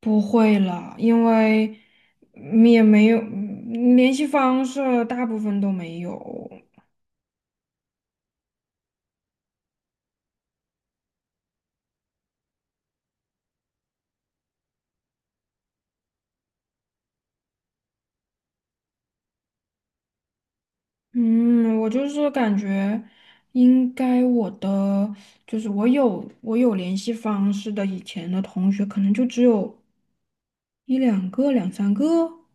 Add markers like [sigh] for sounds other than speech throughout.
不会了，因为也没有联系方式，大部分都没有。嗯，我就是感觉应该我的就是我有联系方式的以前的同学，可能就只有一两个、两三个。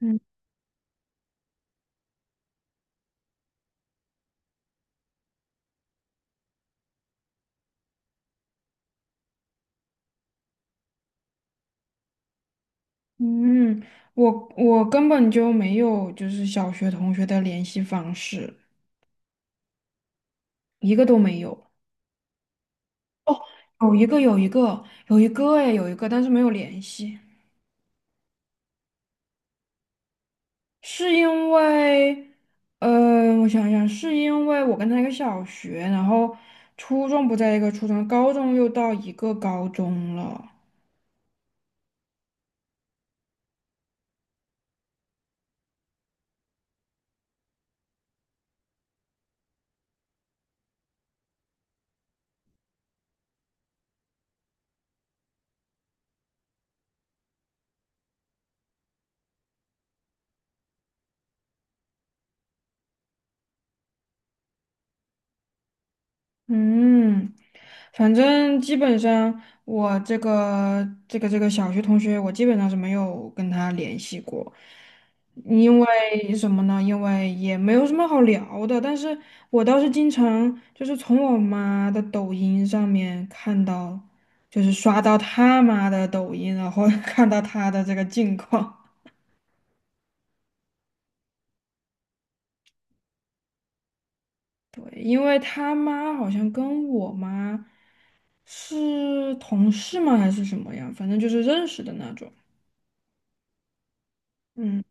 嗯嗯，我根本就没有就是小学同学的联系方式，一个都没有。哦，有一个哎，有一个，但是没有联系。是因为，呃，我想想，是因为我跟他一个小学，然后初中不在一个初中，高中又到一个高中了。嗯，反正基本上我这个小学同学，我基本上是没有跟他联系过，因为什么呢？因为也没有什么好聊的。但是我倒是经常就是从我妈的抖音上面看到，就是刷到他妈的抖音，然后 [laughs] 看到他的这个近况。对，因为他妈好像跟我妈是同事吗？还是什么样？反正就是认识的那种。嗯，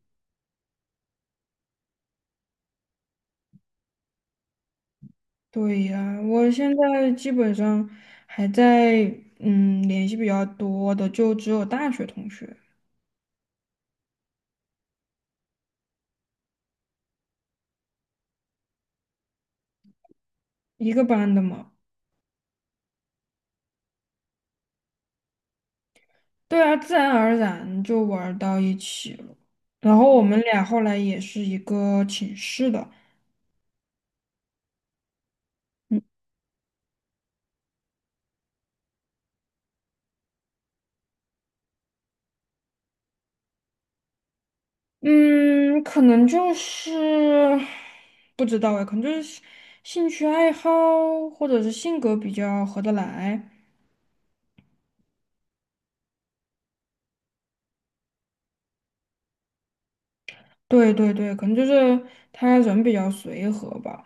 对呀，我现在基本上还在联系比较多的，就只有大学同学，一个班的嘛。对啊，自然而然就玩儿到一起了。然后我们俩后来也是一个寝室的。嗯，嗯，可能就是不知道哎，可能就是兴趣爱好或者是性格比较合得来。对对对，可能就是他人比较随和吧。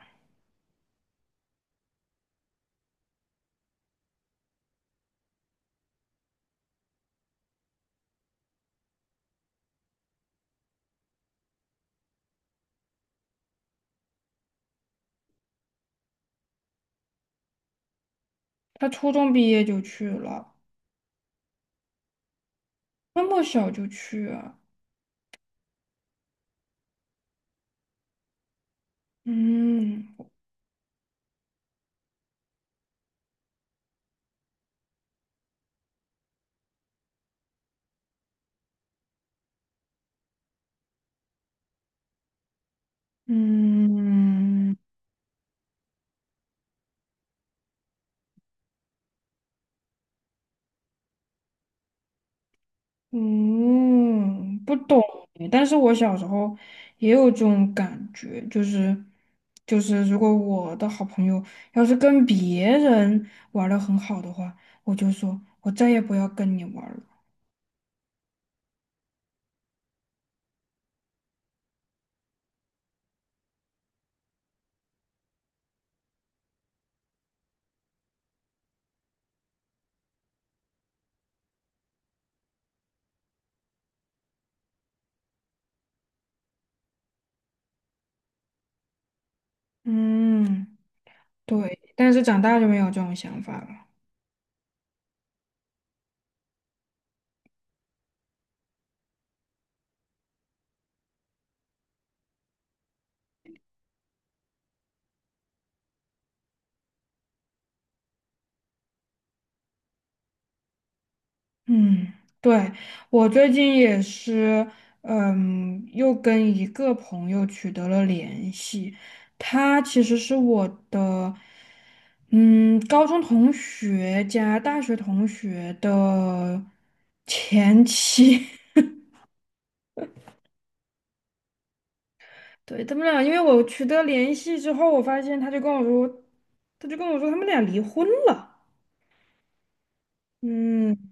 他初中毕业就去了，那么小就去啊？嗯嗯嗯，不懂。哎但是我小时候也有这种感觉，就是，如果我的好朋友要是跟别人玩的很好的话，我就说我再也不要跟你玩了。嗯，对。但是长大就没有这种想法了。嗯，对，我最近也是，又跟一个朋友取得了联系。他其实是我的，高中同学加大学同学的前妻。[laughs] 对，他们俩，因为我取得联系之后，我发现他就跟我说他们俩离婚了。嗯。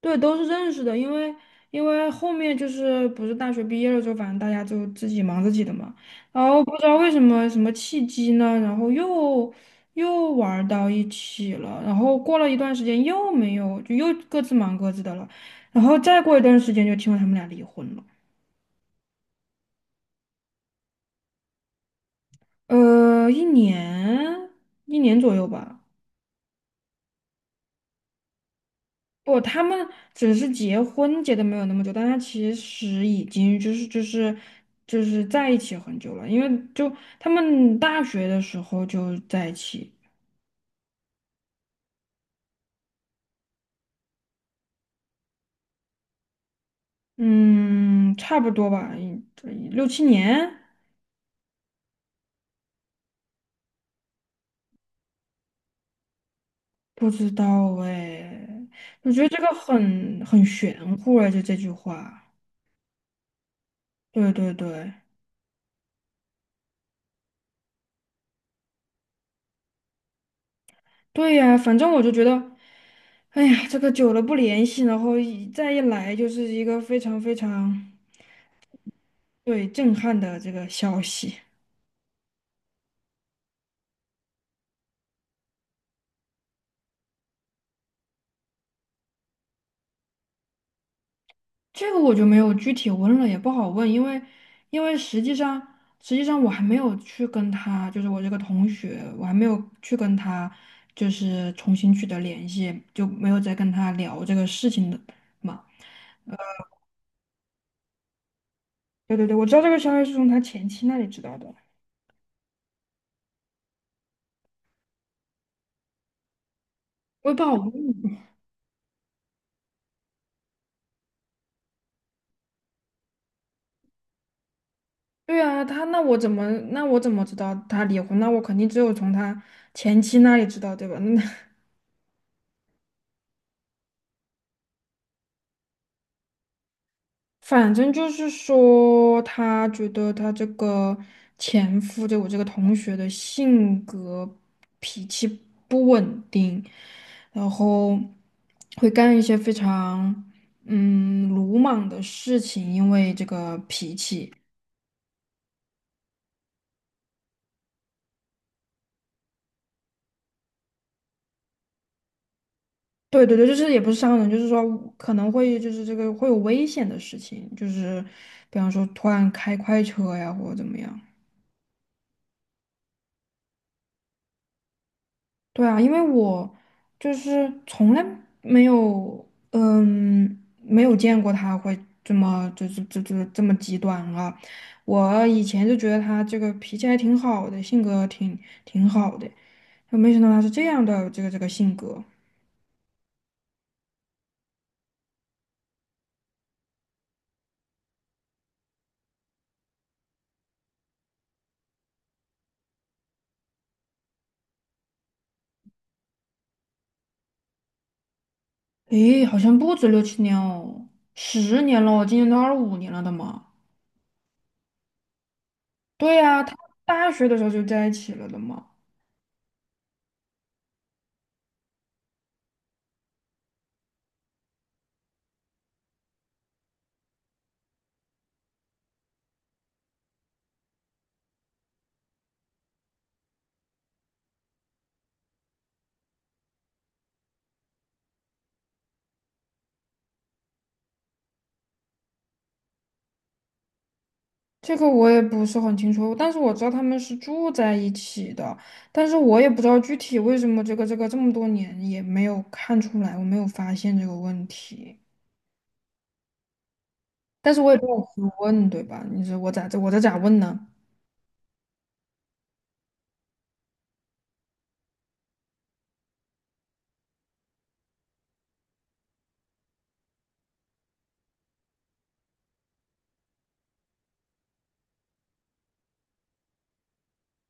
对，都是认识的，因为后面就是不是大学毕业了之后，反正大家就自己忙自己的嘛，然后不知道为什么什么契机呢，然后又玩儿到一起了，然后过了一段时间又没有，就又各自忙各自的了，然后再过一段时间就听说他们俩离婚了。呃，一年一年左右吧。不，他们只是结婚结的没有那么久，但他其实已经就是在一起很久了，因为就他们大学的时候就在一起。嗯，差不多吧，六七年。不知道哎，我觉得这个很玄乎哎，就这句话。对对对，对呀，反正我就觉得，哎呀，这个久了不联系，然后一再一来就是一个非常非常。对，震撼的这个消息。这个我就没有具体问了，也不好问，因为实际上我还没有去跟他，就是我这个同学，我还没有去跟他就是重新取得联系，就没有再跟他聊这个事情的嘛。对对对，我知道这个消息是从他前妻那里知道的，我也不好问。对啊，他那我怎么知道他离婚？那我肯定只有从他前妻那里知道，对吧？[laughs] 那反正就是说，他觉得他这个前夫，就我这个同学的性格、脾气不稳定，然后会干一些非常鲁莽的事情，因为这个脾气。对对对，就是也不是伤人，就是说可能会就是这个会有危险的事情，就是比方说突然开快车呀，或者怎么样。对啊，因为我就是从来没有，没有见过他会这么，就是这么极端啊。我以前就觉得他这个脾气还挺好的，性格挺好的，就没想到他是这样的这个性格。诶，好像不止六七年哦，10年了哦，我今年都25年了的嘛。对呀，他大学的时候就在一起了的嘛。这个我也不是很清楚，但是我知道他们是住在一起的，但是我也不知道具体为什么这个这么多年也没有看出来，我没有发现这个问题。但是我也没有去问，对吧？你说我这咋问呢？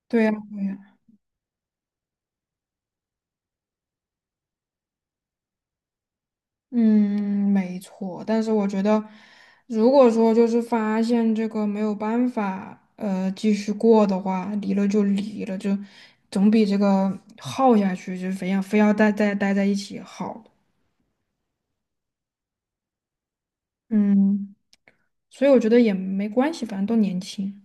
对呀，对呀，嗯，没错，但是我觉得，如果说就是发现这个没有办法，继续过的话，离了就离了，就总比这个耗下去，就非要待在一起好。嗯。所以我觉得也没关系，反正都年轻。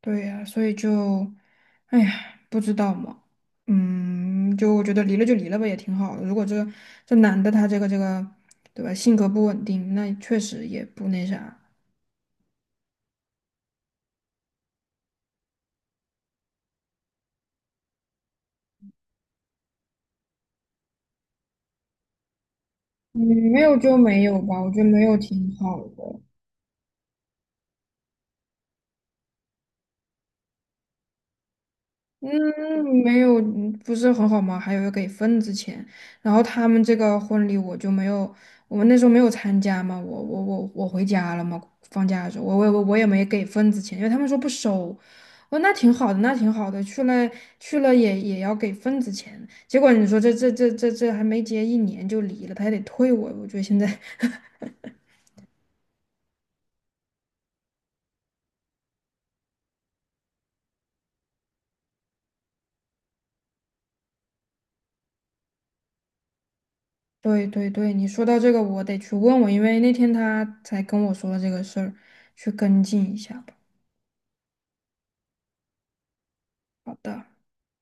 对呀，所以就，哎呀，不知道嘛，就我觉得离了就离了吧，也挺好的。如果这男的他这个，对吧，性格不稳定，那确实也不那啥。嗯，没有就没有吧，我觉得没有挺好的。嗯，没有，不是很好吗？还有要给份子钱，然后他们这个婚礼我就没有，我们那时候没有参加嘛，我回家了嘛，放假的时候，我也没给份子钱，因为他们说不收，我说那挺好的，那挺好的，去了也要给份子钱，结果你说这还没结一年就离了，他还得退我，我觉得现在，[laughs] 对对对，你说到这个我得去问问，因为那天他才跟我说了这个事儿，去跟进一下吧。好的。